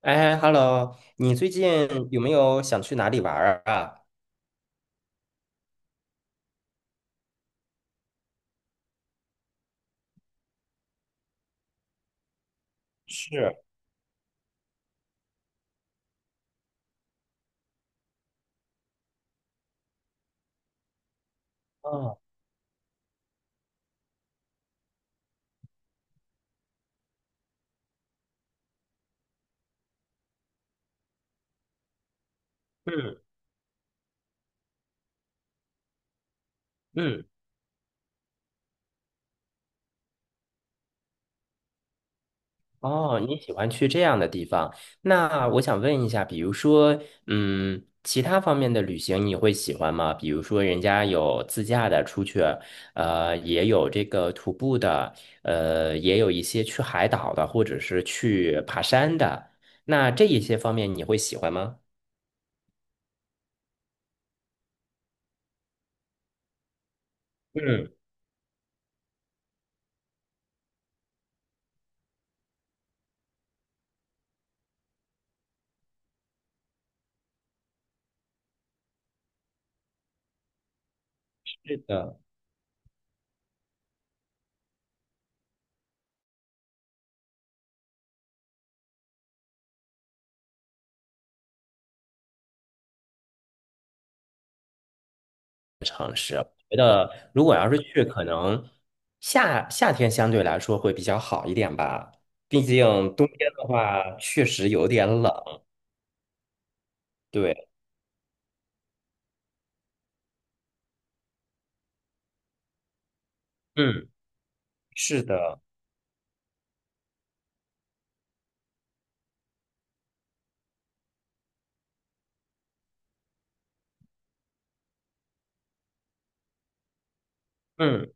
哎，Hello，你最近有没有想去哪里玩儿啊？是。哦。嗯嗯。哦，你喜欢去这样的地方？那我想问一下，比如说，其他方面的旅行你会喜欢吗？比如说，人家有自驾的出去，也有这个徒步的，也有一些去海岛的，或者是去爬山的。那这一些方面你会喜欢吗？嗯。是的。觉得如果要是去，可能夏天相对来说会比较好一点吧，毕竟冬天的话确实有点冷。对。嗯。是的。嗯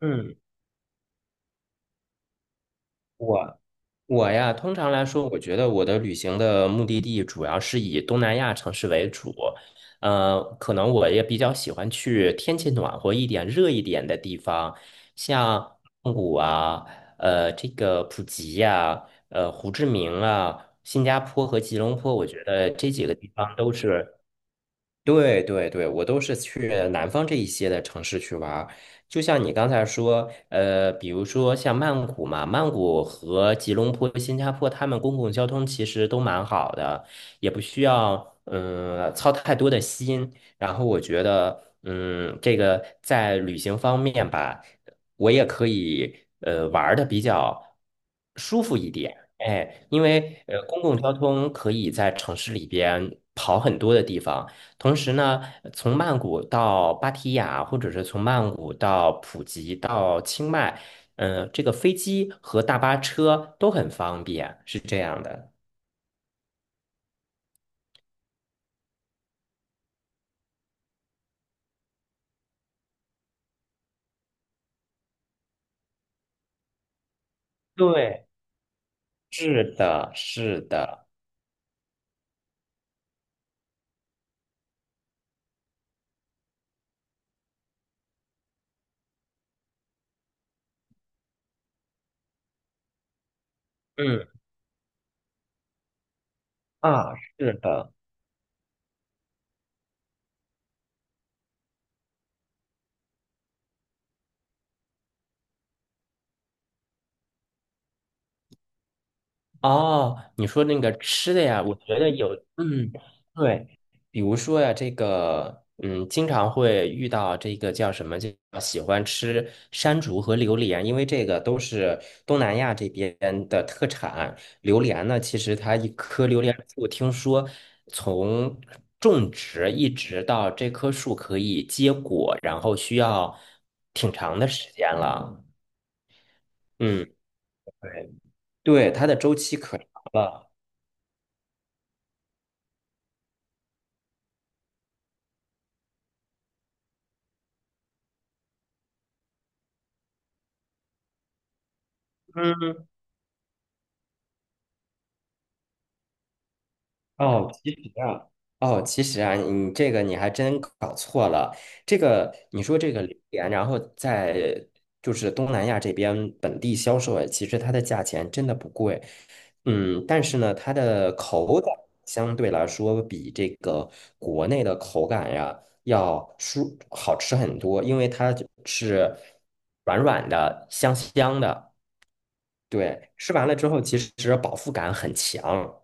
嗯。我我呀，通常来说，我觉得我的旅行的目的地主要是以东南亚城市为主。可能我也比较喜欢去天气暖和一点、热一点的地方，像曼谷啊，这个普吉呀、胡志明啊，新加坡和吉隆坡，我觉得这几个地方都是。对对对，我都是去南方这一些的城市去玩儿，就像你刚才说，比如说像曼谷嘛，曼谷和吉隆坡、新加坡，他们公共交通其实都蛮好的，也不需要操太多的心。然后我觉得，这个在旅行方面吧，我也可以玩的比较舒服一点。哎，因为公共交通可以在城市里边跑很多的地方，同时呢，从曼谷到芭提雅，或者是从曼谷到普吉到清迈，这个飞机和大巴车都很方便，是这样的。对。是的。是的。嗯啊。是的。哦，你说那个吃的呀，我觉得有。嗯。对，比如说呀，这个，经常会遇到这个叫什么，就喜欢吃山竹和榴莲，因为这个都是东南亚这边的特产。榴莲呢，其实它一棵榴莲树，听说从种植一直到这棵树可以结果，然后需要挺长的时间了。嗯。对。对，它的周期可长了。嗯。哦，其实啊，哦，其实啊，你这个你还真搞错了。这个你说这个榴莲，然后在就是东南亚这边本地销售，哎，其实它的价钱真的不贵。嗯，但是呢，它的口感相对来说比这个国内的口感呀要好吃很多，因为它就是软软的、香香的，对，吃完了之后其实饱腹感很强。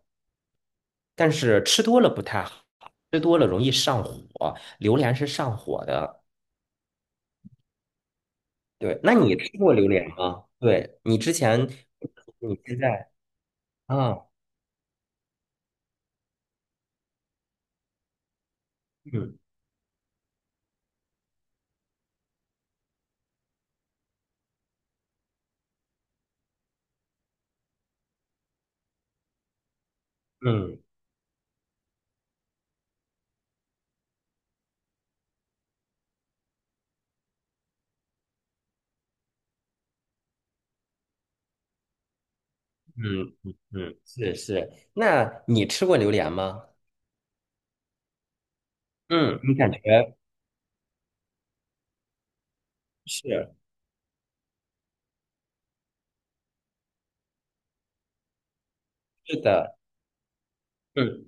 但是吃多了不太好，吃多了容易上火。榴莲是上火的，对。那你吃过榴莲吗？对，你之前，你现在啊。嗯嗯嗯嗯嗯。是是。那你吃过榴莲吗？嗯，你感觉。是是的。嗯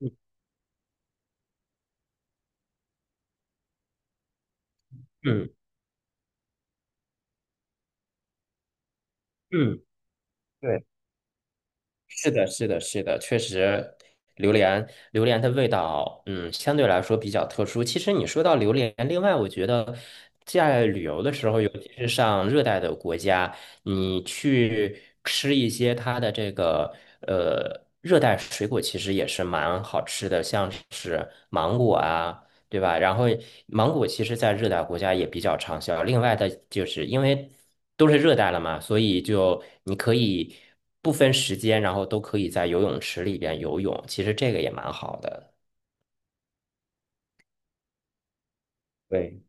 嗯嗯嗯。对。是的，是的，是的，确实，榴莲榴莲的味道，相对来说比较特殊。其实你说到榴莲，另外我觉得在旅游的时候，尤其是上热带的国家，你去吃一些它的这个热带水果，其实也是蛮好吃的，像是芒果啊。对吧？然后芒果其实在热带国家也比较畅销。另外的就是因为都是热带了嘛，所以就你可以不分时间，然后都可以在游泳池里边游泳。其实这个也蛮好的。对。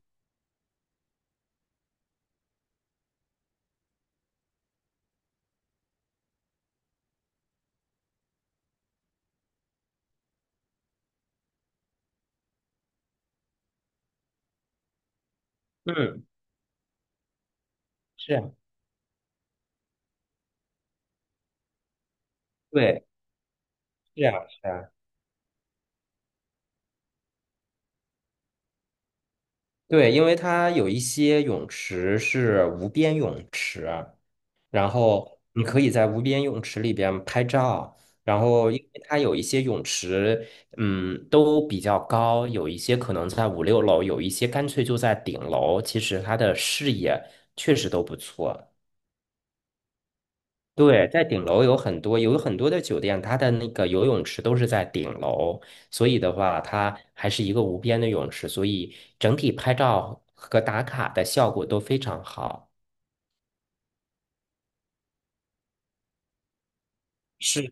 嗯。是啊。对。是啊。是啊。对，因为它有一些泳池是无边泳池。然后你可以在无边泳池里边拍照。然后，因为它有一些泳池，都比较高，有一些可能在五六楼，有一些干脆就在顶楼。其实它的视野确实都不错。对，在顶楼有很多，有很多的酒店，它的那个游泳池都是在顶楼，所以的话，它还是一个无边的泳池，所以整体拍照和打卡的效果都非常好。是。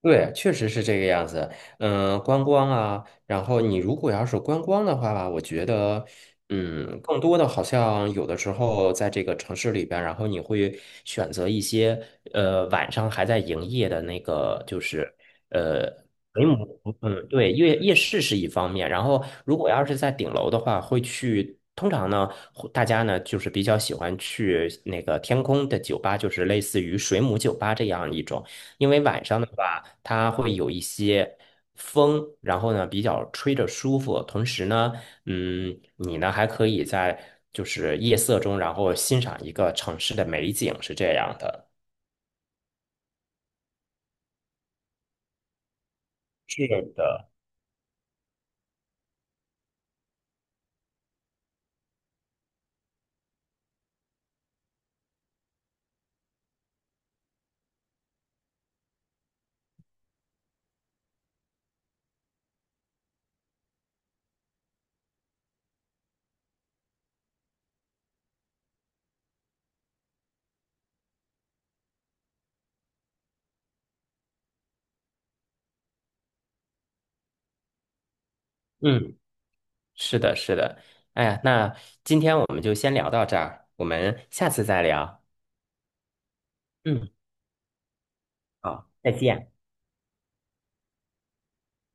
对，确实是这个样子。观光啊，然后你如果要是观光的话吧，我觉得，更多的好像有的时候在这个城市里边，然后你会选择一些晚上还在营业的那个，就是呃没有。嗯。对。夜市是一方面。然后如果要是在顶楼的话，会去。通常呢，会大家呢就是比较喜欢去那个天空的酒吧，就是类似于水母酒吧这样一种。因为晚上的话，它会有一些风，然后呢比较吹着舒服，同时呢，你呢还可以在就是夜色中，然后欣赏一个城市的美景，是这样的。嗯。是的。是的。哎呀，那今天我们就先聊到这儿，我们下次再聊。嗯，好，再见。